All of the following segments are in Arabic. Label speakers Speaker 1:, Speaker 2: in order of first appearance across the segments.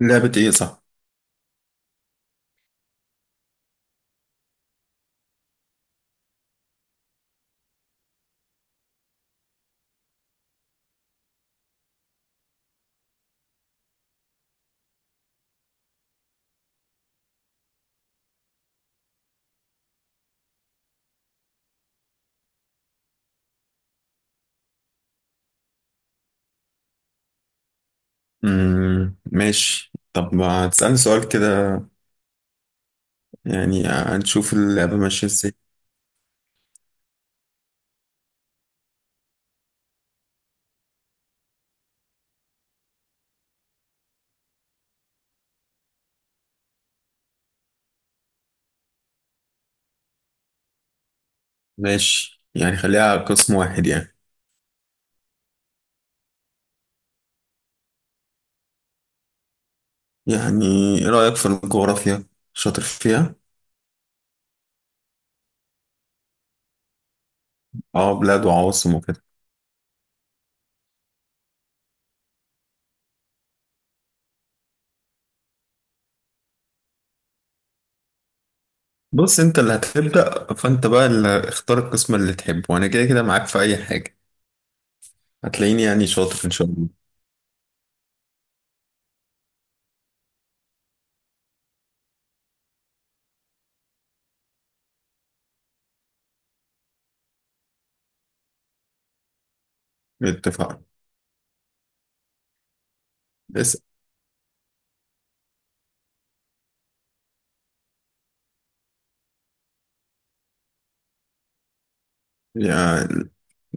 Speaker 1: لعبة ايه، صح؟ مم. ماشي، طب ما تسألني سؤال كده. يعني هنشوف اللعبة ماشية ازاي. ماشي يعني خليها على قسم واحد يعني. يعني ايه رأيك في الجغرافيا؟ شاطر فيها؟ اه، بلاد وعواصم وكده. بص، انت اللي هتبدأ، فانت بقى اللي اختار القسم اللي تحبه، وانا كده كده معاك في اي حاجة. هتلاقيني يعني شاطر ان شاء الله. اتفقنا. بس يعني،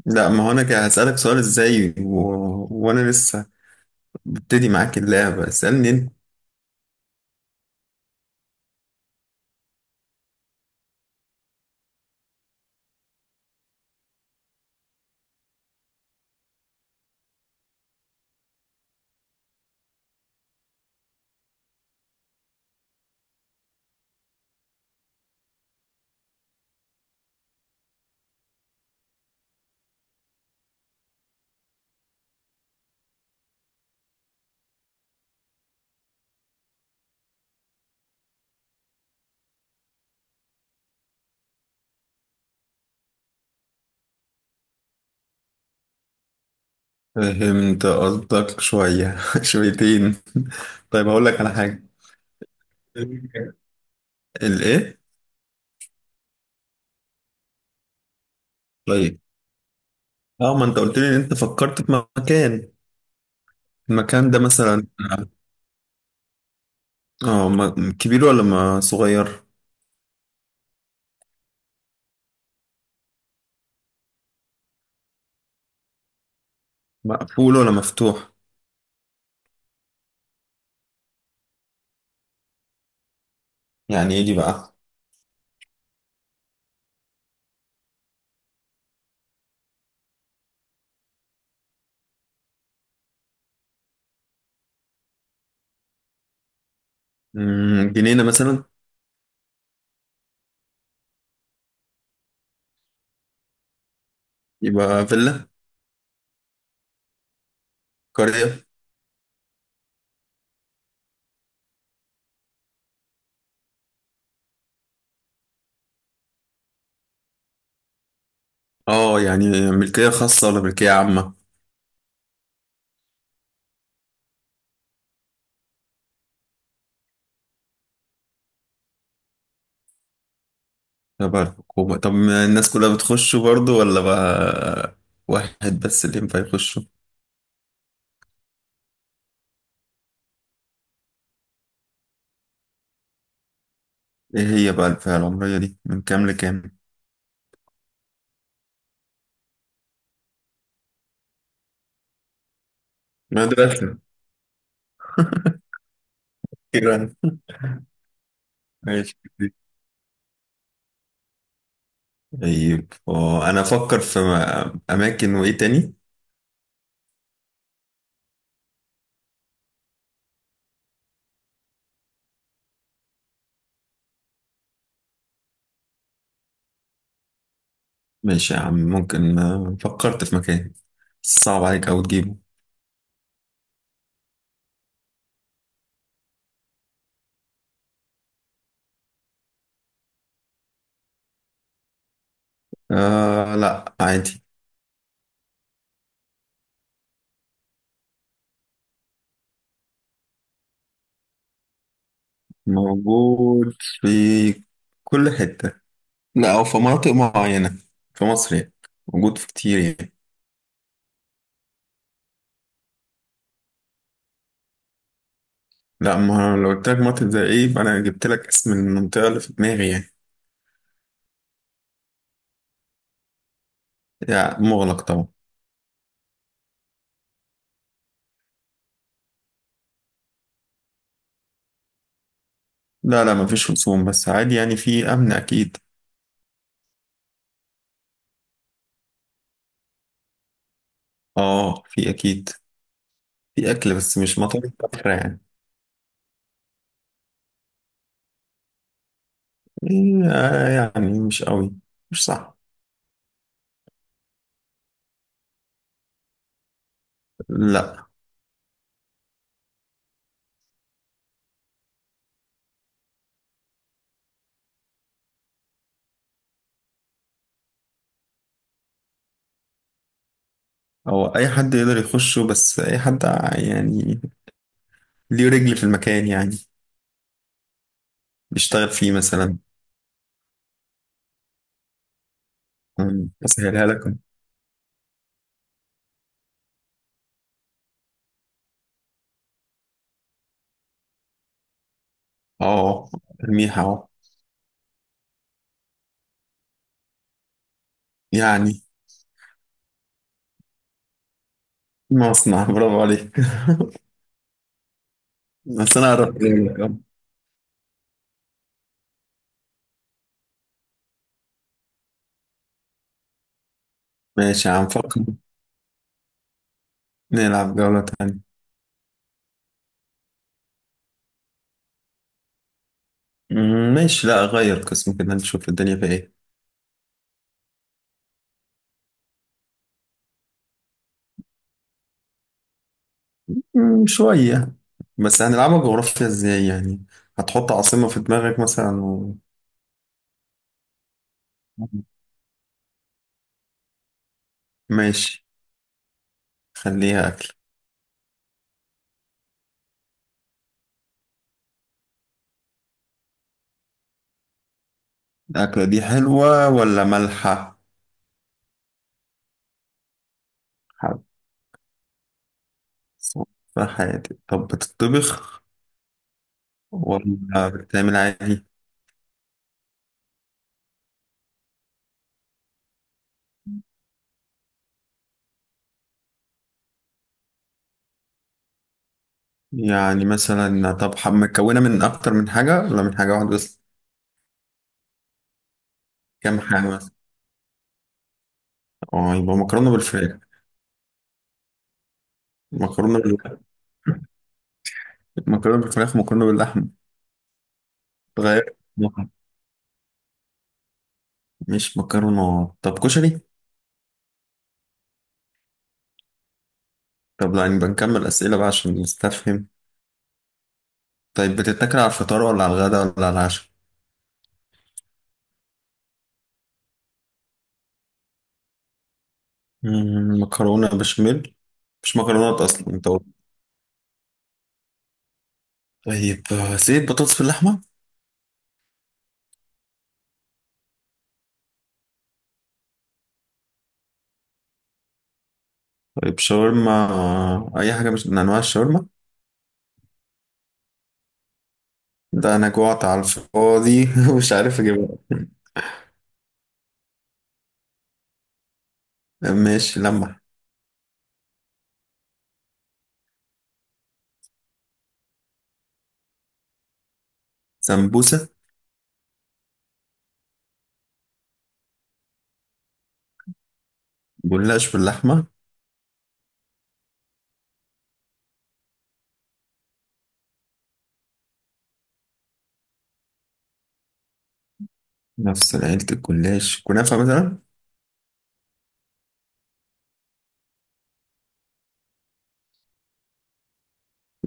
Speaker 1: لا، ما هو انا كده هسألك سؤال ازاي وانا لسه ببتدي معاك اللعبة، اسألني انت. فهمت قصدك شوية شويتين. طيب هقول لك على حاجة، الايه. طيب، اه ما انت قلت لي ان انت فكرت في مكان. المكان ده مثلا، اه كبير ولا ما صغير؟ مقفول ولا مفتوح؟ يعني ايه دي بقى. جنينة مثلا؟ يبقى فيلا؟ قرية؟ اه يعني ملكية خاصة ولا ملكية عامة؟ تبع الحكومة، طب ما الناس كلها بتخش برضه ولا بقى واحد بس اللي ينفع يخش؟ ايه هي بقى الفئة العمرية دي من كام لكام؟ مدرسة؟ كده. ماشي. طيب، انا افكر في اماكن وايه تاني. ماشي يا عم. ممكن فكرت في مكان صعب عليك او تجيبه. آه لا، عادي. موجود في كل حتة، لا او في مناطق معينة في مصر يعني. موجود في كتير يعني. لا، ما لو قلت لك مناطق زي ايه يبقى انا جبت لك اسم المنطقة اللي في دماغي يعني. يعني مغلق طبعا. لا لا، مفيش رسوم بس، عادي يعني، في أمن أكيد. آه، في أكيد. في أكل بس مش مطاعم كفر يعني. إيه، يعني مش قوي، مش صح. لا، هو أي حد يقدر يخشه، بس أي حد يعني ليه رجل في المكان يعني بيشتغل فيه مثلا. أسهلها لكم. آه، الميحة أهو. يعني مصنع؟ برافو عليك. بس أنا قربت منك أهو. ماشي هنفكر نلعب جولة تانية. ماشي، لا أغير قسم كده نشوف الدنيا فيها إيه. شوية. بس هنلعبها جغرافيا ازاي يعني؟ هتحط عاصمة في دماغك مثلا و. ماشي، خليها أكل. الأكلة دي حلوة ولا مالحة؟ حلوة في حياتي. طب بتطبخ ولا بتعمل عادي؟ يعني مثلا، طب مكونة من أكتر من حاجة ولا من حاجة واحدة بس؟ كام حاجة مثلا؟ اه، يبقى مكرونة بالفراخ. مكرونة بال... مكرونة بالفراخ، مكرونة باللحم. تغير. مش مكرونة، طب كشري؟ طب لا، يعني بنكمل أسئلة بقى عشان نستفهم. طيب بتتاكل على الفطار ولا على الغداء ولا على العشاء؟ مكرونة بشاميل. مش مكرونات أصلا أنت قلت. طيب، زيت بطاطس باللحمة. طيب شاورما، أي حاجة مش من أنواع الشاورما. ده أنا جوعت على الفاضي ومش عارف أجيبها. ماشي، لمح. سمبوسة. جلاش باللحمة. نفس عيلة الجلاش، كنافة مثلا.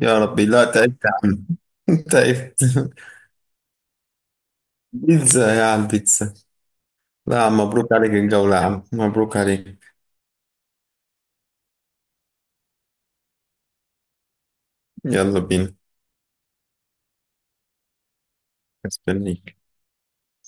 Speaker 1: يا ربي، لا تعبت يا عم تعبت. بيتزا؟ يا على البيتزا. لا يا عم، مبروك عليك الجولة، يا عم مبروك عليك. يلا بينا. استني.